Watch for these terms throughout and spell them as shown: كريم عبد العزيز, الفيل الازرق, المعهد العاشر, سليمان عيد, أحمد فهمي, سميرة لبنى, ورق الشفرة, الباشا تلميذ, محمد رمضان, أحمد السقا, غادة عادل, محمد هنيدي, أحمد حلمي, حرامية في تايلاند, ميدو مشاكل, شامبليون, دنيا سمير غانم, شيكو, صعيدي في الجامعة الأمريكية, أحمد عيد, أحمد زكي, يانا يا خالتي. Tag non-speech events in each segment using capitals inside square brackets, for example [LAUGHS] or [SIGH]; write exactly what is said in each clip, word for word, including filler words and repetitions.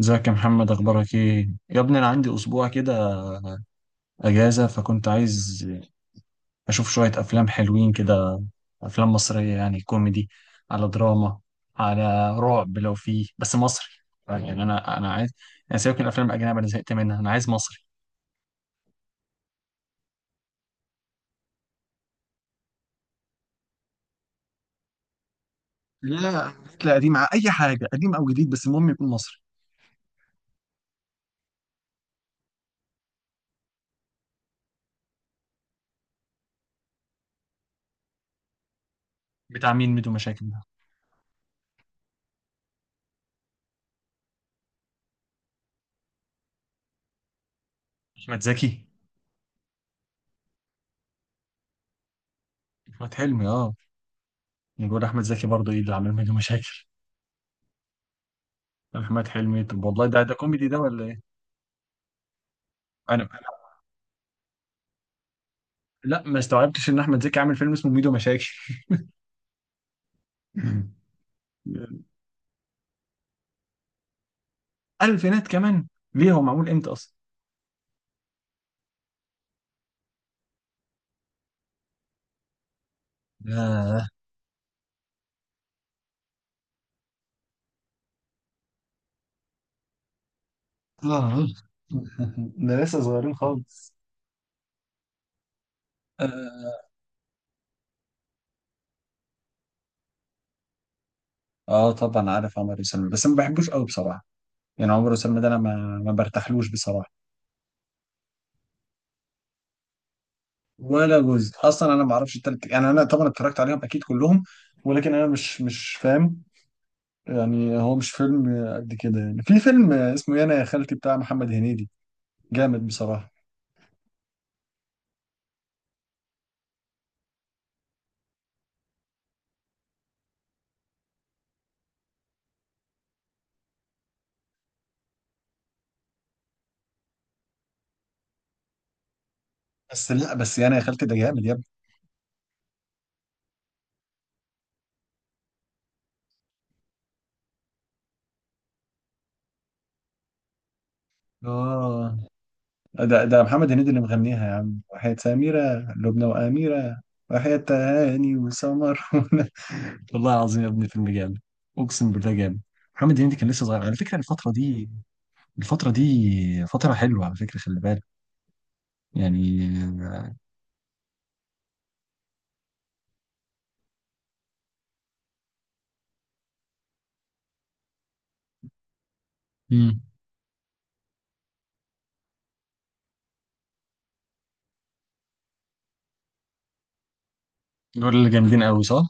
ازيك يا محمد، اخبارك ايه يا ابني؟ انا عندي اسبوع كده اجازه، فكنت عايز اشوف شويه افلام حلوين كده، افلام مصريه، يعني كوميدي على دراما على رعب، لو فيه بس مصري. يعني انا انا عايز، انا سيبك من الافلام الاجنبيه، انا زهقت منها، انا عايز مصري. لا. لا قديم ع- اي حاجه، قديم او جديد، بس المهم يكون مصري. بتاع مين ميدو مشاكل ده؟ احمد زكي؟ احمد حلمي، اه. نقول احمد زكي برضه، ايه اللي عامل ميدو مشاكل؟ احمد حلمي؟ طب والله ده ده كوميدي ده ولا ايه؟ انا لا، ما استوعبتش ان احمد زكي عامل فيلم اسمه ميدو مشاكل. [LAUGHS] الفينات كمان؟ ليه، هو معمول امتى اصلا؟ آه. آه. [LAUGHS] ده لسه صغيرين خالص. آه. اه طبعا عارف عمر وسلمى، بس ما بحبوش قوي بصراحة. يعني عمر وسلمى ده انا ما ما برتاحلوش بصراحة. ولا جزء اصلا، انا ما اعرفش التالت، يعني انا طبعا اتفرجت عليهم اكيد كلهم، ولكن انا مش مش فاهم، يعني هو مش فيلم قد كده. يعني في فيلم اسمه يانا يا خالتي بتاع محمد هنيدي، جامد بصراحة. بس لا، بس يانا يا خالتي ده جامد. اه ده ده محمد هنيدي اللي مغنيها يا عم، وحياة سميرة لبنى وأميرة وحياة هاني وسمر. [LAUGHS] والله العظيم يا ابني فيلم جامد، اقسم بالله جامد. محمد هنيدي كان لسه صغير على فكرة الفترة دي. الفترة دي فترة حلوة على فكرة، خلي بالك يعني. امم دول اللي جامدين قوي صح؟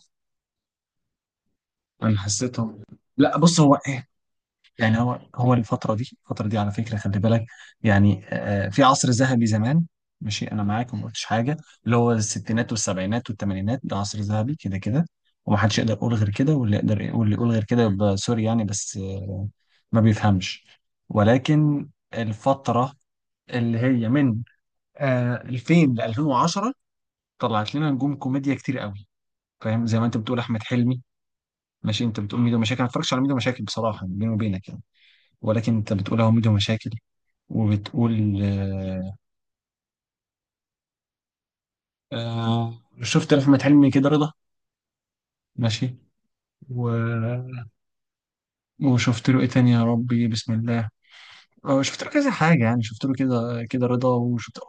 انا حسيتهم. لا بص هو إيه، يعني هو هو الفترة دي، الفترة دي على فكرة خلي بالك، يعني آه، في عصر ذهبي زمان، ماشي أنا معاك وما قلتش حاجة، اللي هو الستينات والسبعينات والثمانينات، ده عصر ذهبي كده كده. ومحدش يقدر يقول غير كده، واللي يقدر واللي يقول غير كده يبقى سوري يعني، بس آه، ما بيفهمش. ولكن الفترة اللي هي من آه، ألفين ل ألفين وعشرة طلعت لنا نجوم كوميديا كتير قوي، فاهم؟ زي ما انت بتقول احمد حلمي، ماشي، انت بتقول ميدو مشاكل، انا ما اتفرجتش على ميدو مشاكل بصراحه بيني وبينك يعني، ولكن انت بتقول اهو ميدو مشاكل وبتقول آه. آه، شفت لأحمد حلمي كده رضا، ماشي. و... وشفت له إيه تاني؟ يا ربي بسم الله. آه شفت له كذا حاجة، يعني شفت له كده كده رضا، وشفت.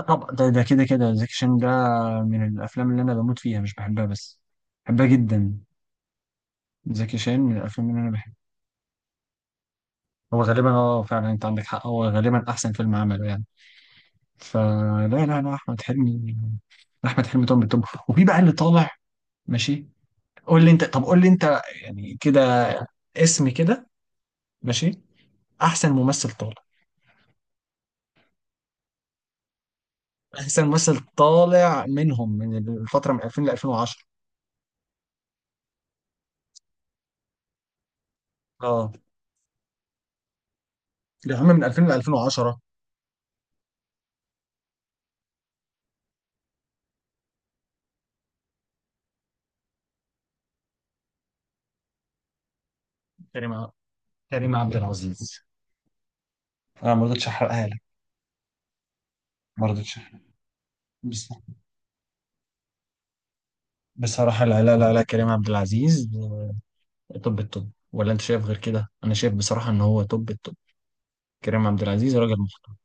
آه، طبعا ده ده كده كده زكي شان، ده من الأفلام اللي أنا بموت فيها. مش بحبها بس، بحبها جدا. زكي شان من الأفلام اللي أنا بحبها. هو غالبا اه، فعلا انت عندك حق، هو غالبا احسن فيلم عمله يعني. فلا لا لا احمد حلمي، احمد حلمي طبعا بالطب. وفي بقى اللي طالع، ماشي، قول لي انت، طب قول لي انت يعني كده اسم كده، ماشي، احسن ممثل طالع. احسن ممثل طالع منهم من الفتره، من ألفين ل ألفين وعشرة. اه، اللي هم من ألفين ل ألفين وعشرة. كريم ع- كريم عبد العزيز. انا ما رضيتش احرقها لك. ما رضيتش أحرقها. بس- بصراحه لا لا لا لا كريم عبد العزيز، آه، توب التوب، ولا انت شايف غير كده؟ انا شايف بصراحه ان هو توب التوب. كريم عبد العزيز راجل محترم.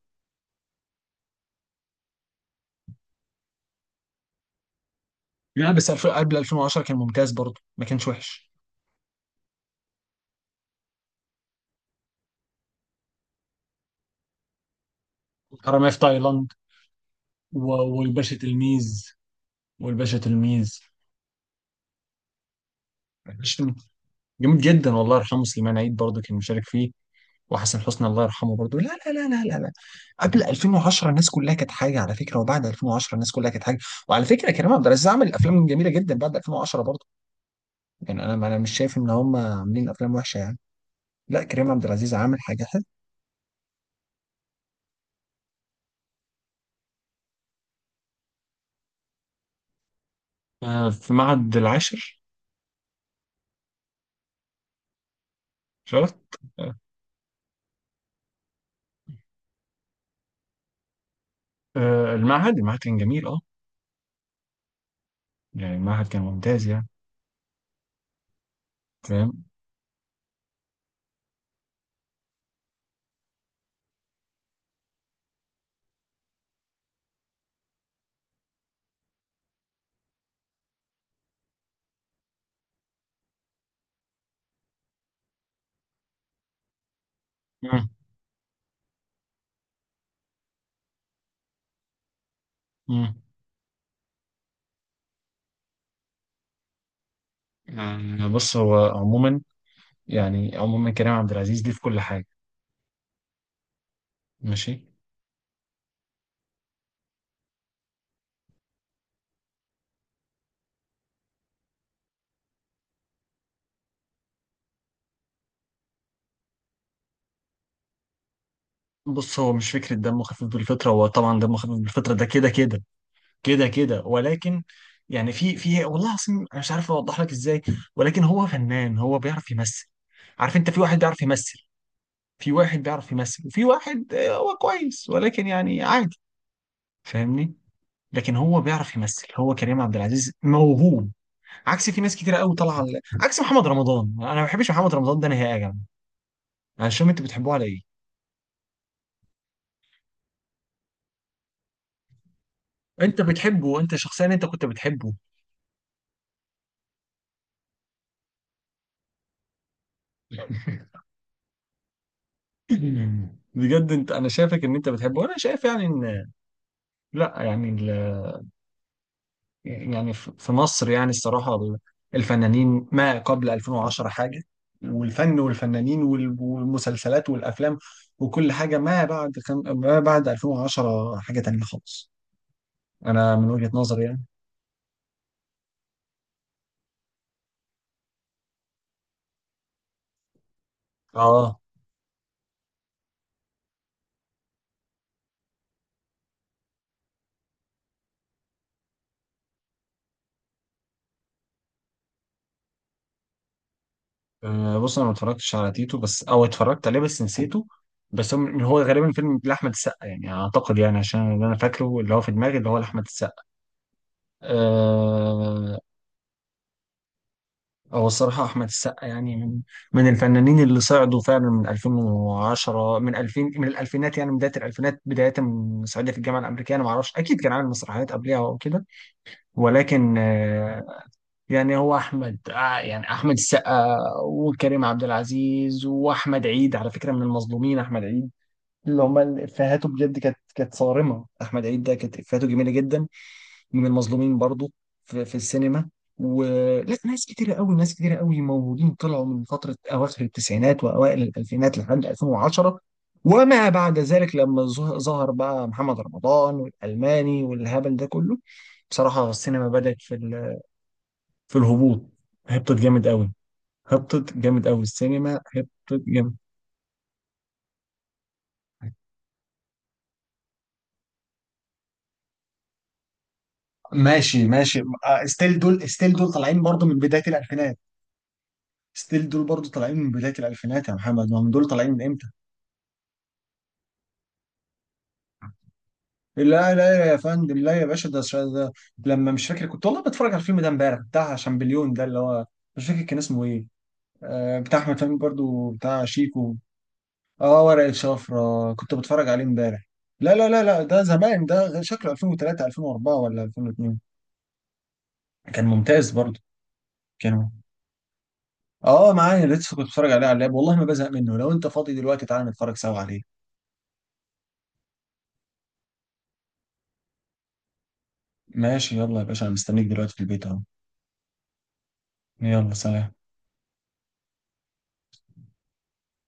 لا بس ألفين قبل ألفين وعشرة كان ممتاز برضه، ما كانش وحش. حرامية في تايلاند و- والباشا تلميذ، والباشا تلميذ. الباشا جميل جدا، والله يرحمه سليمان عيد برضه كان مشارك فيه، وحسن حسني الله يرحمه برضه. لا لا لا لا لا لا. قبل ألفين وعشرة الناس كلها كانت حاجه على فكره، وبعد ألفين وعشرة الناس كلها كانت حاجه. وعلى فكره كريم عبد العزيز عمل افلام جميله جدا بعد ألفين وعشرة برضه، يعني انا انا مش شايف ان هم عاملين افلام وحشه يعني. لا كريم عبد العزيز عامل حاجه حلوه. آه، في معهد العاشر. شفت. آه، آه، المعهد المعهد كان جميل، اه، يعني المعهد كان ممتاز يعني. فاهم. مم. مم. آه، بص هو عموما، يعني عموما كريم عبد العزيز ليه في كل حاجة، ماشي. بص هو مش فكرة دمه خفيف بالفطرة، هو طبعا دمه خفيف بالفطرة ده كده كده، كده كده، ولكن يعني في في والله العظيم انا مش عارف اوضح لك ازاي، ولكن هو فنان، هو بيعرف يمثل. عارف انت؟ في واحد بيعرف يمثل، في واحد بيعرف يمثل وفي واحد آه، هو كويس ولكن يعني عادي، فاهمني؟ لكن هو بيعرف يمثل، هو كريم عبد العزيز موهوب، عكس في ناس كتير قوي طالعه على- عكس محمد رمضان. انا ما بحبش محمد رمضان ده نهائي يا جماعه، انا مش فاهم انتوا بتحبوه على ايه؟ انت بتحبه؟ انت شخصيا انت كنت بتحبه؟ [LAUGHS] بجد انت، انا شايفك ان انت بتحبه، وانا شايف يعني ان، لا يعني ال... يعني في في مصر يعني الصراحه ال- الفنانين ما قبل ألفين وعشرة حاجه، والفن والفنانين وال- والمسلسلات والافلام وكل حاجه ما بعد خم... ما بعد ألفين وعشرة حاجه تانية خالص، انا من وجهه نظري يعني. اه. أه بص انا ما اتفرجتش على تيتو، بس او اتفرجت عليه بس نسيته، بس هو هو غالبا فيلم لاحمد السقا يعني اعتقد، يعني عشان اللي انا فاكره اللي هو في دماغي اللي هو لاحمد السقا. أه. هو الصراحه احمد السقا يعني من من الفنانين اللي صعدوا فعلا من ألفين وعشرة من ألفين، من الالفينات يعني، من بدايه الالفينات، بدايه من صعيدي في الجامعه الامريكيه. انا ما اعرفش، اكيد كان عامل مسرحيات قبلها او كده، ولكن آه، يعني هو احمد آه، يعني احمد السقا وكريم عبد العزيز واحمد عيد، على فكره من المظلومين احمد عيد، اللي هم افهاته بجد كانت، كانت صارمه. احمد عيد ده كانت افهاته جميله جدا، من المظلومين برضو في، في السينما. ولا ناس كتيره قوي، ناس كتيره قوي موجودين طلعوا من فتره اواخر التسعينات واوائل الالفينات لحد ألفين وعشرة. وما بعد ذلك لما ظه- ظهر بقى محمد رمضان والالماني والهبل ده كله، بصراحه السينما بدات في في الهبوط، هبطت جامد قوي، هبطت جامد قوي، السينما هبطت جامد. ماشي، ماشي. ستيل دول، ستيل دول طالعين برضو من بداية الألفينات. ستيل دول برضو طالعين من بداية الألفينات يا محمد، ما هم دول طالعين من إمتى؟ لا لا يا فندم، لا يا باشا، ده, ده لما مش فاكر، كنت والله بتفرج على الفيلم ده امبارح بتاع شامبليون ده اللي هو، مش فاكر كان اسمه إيه. آه بتاع أحمد فهمي برضو، بتاع شيكو. آه ورق الشفرة كنت بتفرج عليه امبارح. لا لا لا لا، ده زمان، ده شكله ألفين وتلاتة ألفين وأربعة ولا ألفين واتنين. كان ممتاز برضه. كان، اه معايا لسه، كنت بتفرج عليه على اللاب والله ما بزهق منه. لو انت فاضي دلوقتي تعالى نتفرج سوا عليه. ماشي، يلا يا باشا، انا مستنيك دلوقتي في البيت اهو. يلا سلام.